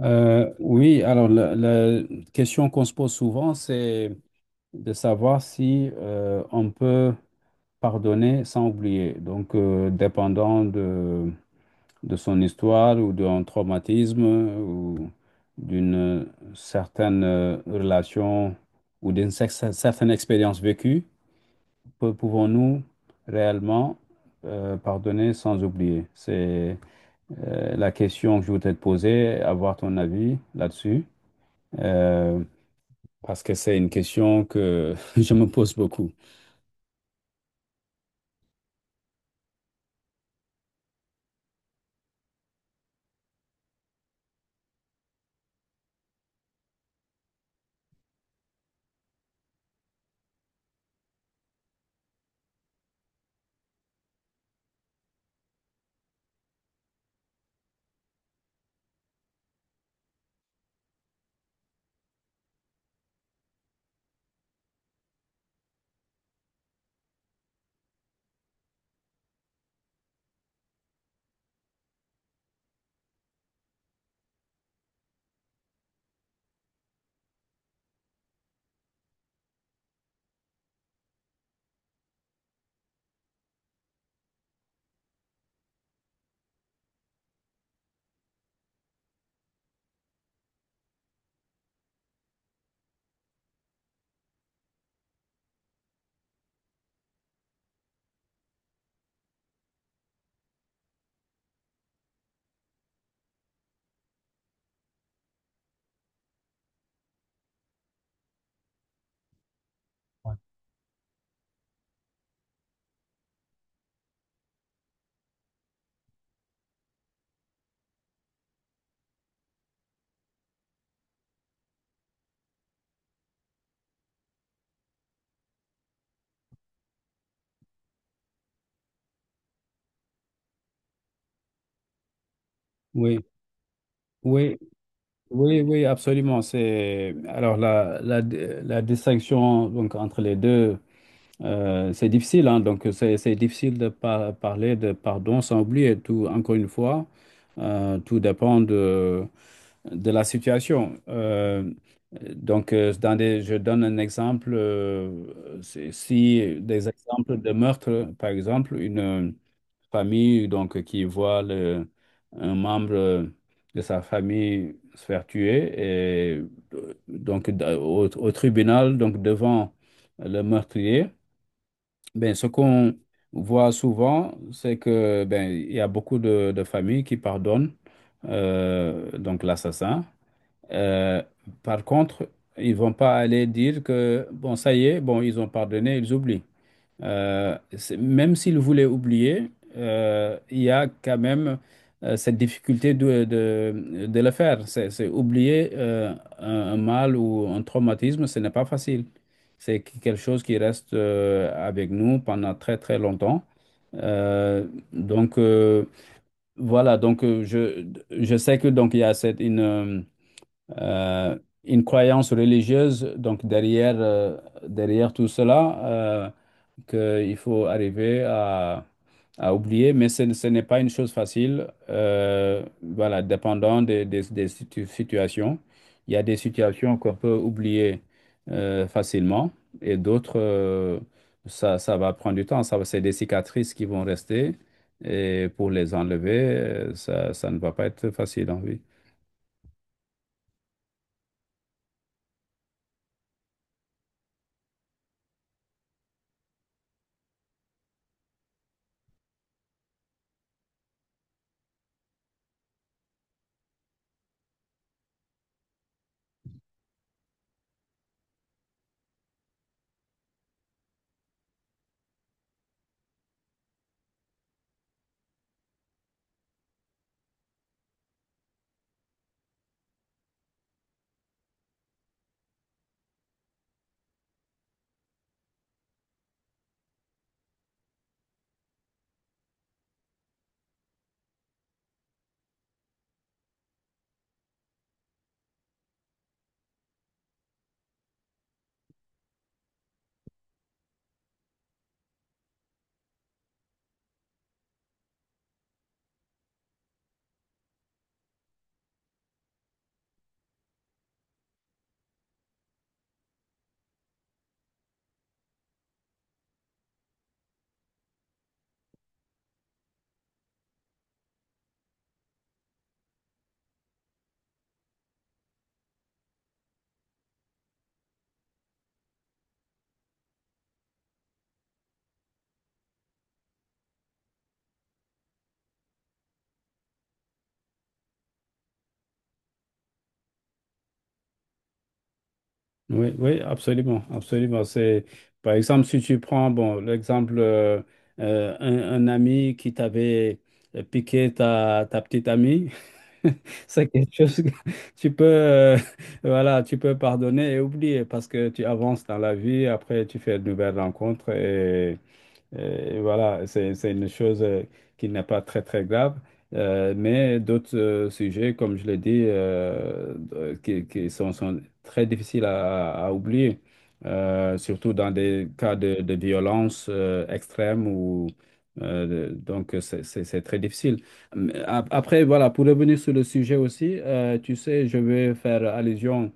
Oui, alors la question qu'on se pose souvent, c'est de savoir si on peut pardonner sans oublier. Donc, dépendant de son histoire ou d'un traumatisme ou d'une certaine relation ou d'une certaine expérience vécue, pouvons-nous réellement pardonner sans oublier? C'est la question que je voudrais te poser, avoir ton avis là-dessus, euh, parce que c'est une question que je me pose beaucoup. Oui, oui, oui, oui, absolument. C'est alors la distinction donc entre les deux. C'est difficile, hein. Donc c'est difficile de parler de pardon sans oublier tout. Encore une fois, tout dépend de la situation. Je donne un exemple. Si des exemples de meurtre, par exemple, une famille donc qui voit un membre de sa famille se faire tuer, et donc au tribunal, donc devant le meurtrier, ben ce qu'on voit souvent, c'est que, ben, il y a beaucoup de familles qui pardonnent, donc l'assassin. Euh, Par contre, ils vont pas aller dire que, bon, ça y est, bon, ils ont pardonné, ils oublient. Même s'il voulait oublier, il y a quand même cette difficulté de le faire. C'est oublier un mal ou un traumatisme, ce n'est pas facile. C'est quelque chose qui reste avec nous pendant très très longtemps. Euh, donc euh, voilà. Donc, je sais que donc il y a cette euh, une croyance religieuse. Donc derrière, derrière tout cela, qu'il faut arriver à, oublier, mais ce n'est pas une chose facile. Voilà, dépendant des situations. Il y a des situations qu'on peut oublier facilement, et d'autres, ça va prendre du temps. C'est des cicatrices qui vont rester. Et pour les enlever, ça ne va pas être facile, hein, oui. Oui, oui, absolument, absolument. C'est, par exemple, si tu prends, bon, l'exemple, un ami qui t'avait piqué ta petite amie, c'est quelque chose que tu peux, voilà, tu peux pardonner et oublier parce que tu avances dans la vie, après tu fais de nouvelles rencontres et. Voilà, c'est une chose qui n'est pas très, très grave. Mais d'autres sujets, comme je l'ai dit, qui sont, très difficiles à oublier, surtout dans des cas de violence extrême ou donc c'est très difficile. Mais après, voilà, pour revenir sur le sujet aussi, tu sais, je vais faire allusion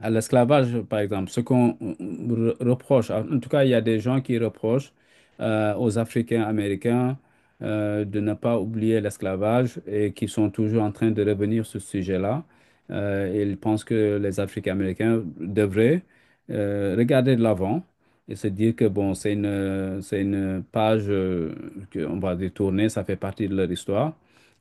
à l'esclavage, par exemple, ce qu'on reproche, en tout cas, il y a des gens qui reprochent aux Africains américains de ne pas oublier l'esclavage et qui sont toujours en train de revenir sur ce sujet-là. Ils pensent que les Africains américains devraient regarder de l'avant et se dire que, bon, c'est une page qu'on va détourner, ça fait partie de leur histoire,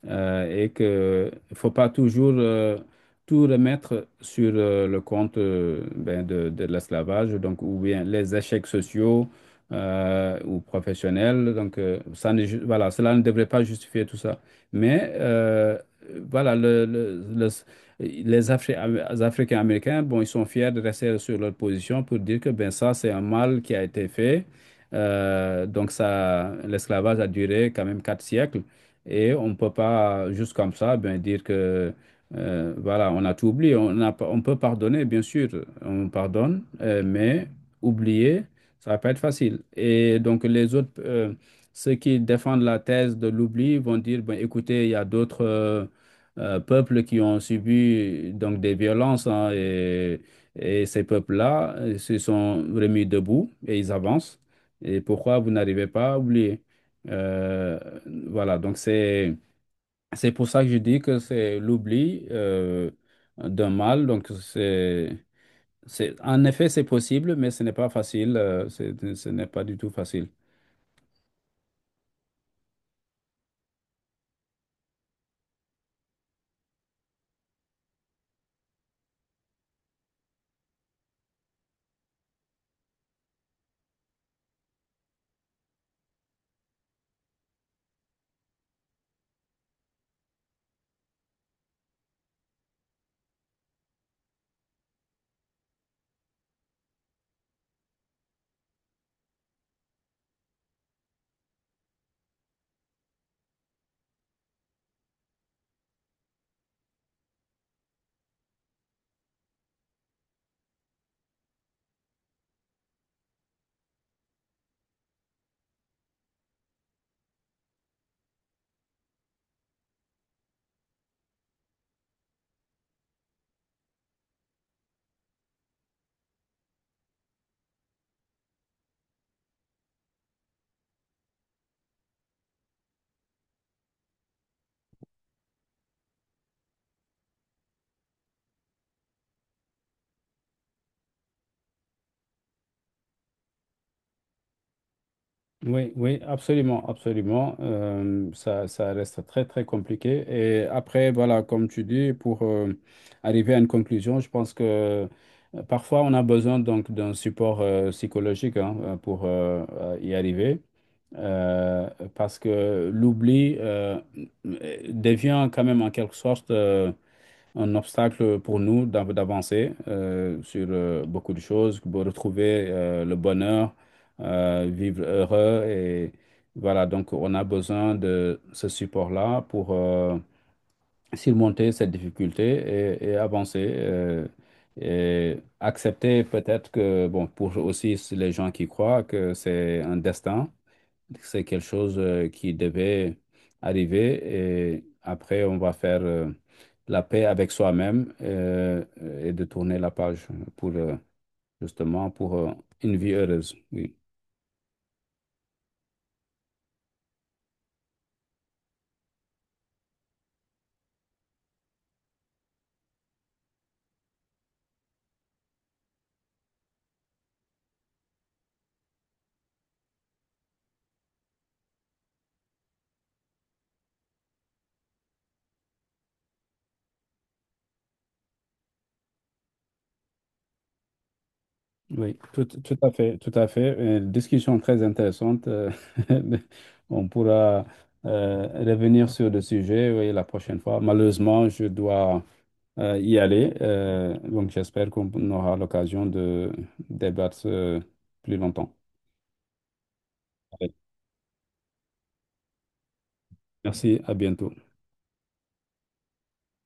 et qu'il ne faut pas toujours tout remettre sur le compte, ben, de l'esclavage, donc, ou bien les échecs sociaux ou professionnels. Donc, ça ne ju- voilà, cela ne devrait pas justifier tout ça. Mais voilà, les Afri- les Africains américains, bon, ils sont fiers de rester sur leur position pour dire que, ben, ça, c'est un mal qui a été fait. Donc ça, l'esclavage a duré quand même quatre siècles, et on ne peut pas juste comme ça, ben, dire que, voilà, on a tout oublié. On peut pardonner, bien sûr, on pardonne, mais oublier, ça va pas être facile. Et donc, les autres, ceux qui défendent la thèse de l'oubli vont dire, ben, écoutez, il y a d'autres peuples qui ont subi donc des violences, hein, et ces peuples-là se sont remis debout et ils avancent. Et pourquoi vous n'arrivez pas à oublier? Euh, voilà, donc c'est... C'est pour ça que je dis que c'est l'oubli d'un mal. Donc, en effet, c'est possible, mais ce n'est pas facile. Ce n'est pas du tout facile. Oui, oui, absolument, absolument. Ça reste très, très compliqué. Et après, voilà, comme tu dis, pour arriver à une conclusion, je pense que, parfois on a besoin donc d'un support psychologique, hein, pour, y arriver. euh, Parce que l'oubli devient quand même en quelque sorte un obstacle pour nous d'avancer sur beaucoup de choses, pour retrouver le bonheur, vivre heureux. Et voilà, donc on a besoin de ce support-là pour surmonter cette difficulté, et avancer. Et accepter peut-être que, bon, pour aussi les gens qui croient que c'est un destin, c'est quelque chose qui devait arriver et après, on va faire la paix avec soi-même, et de tourner la page pour justement pour une vie heureuse. Oui. Oui, tout à fait, tout à fait. Discussion très intéressante. On pourra revenir sur le sujet, oui, la prochaine fois. Malheureusement, je dois y aller. Donc, j'espère qu'on aura l'occasion de débattre plus longtemps. Merci, à bientôt.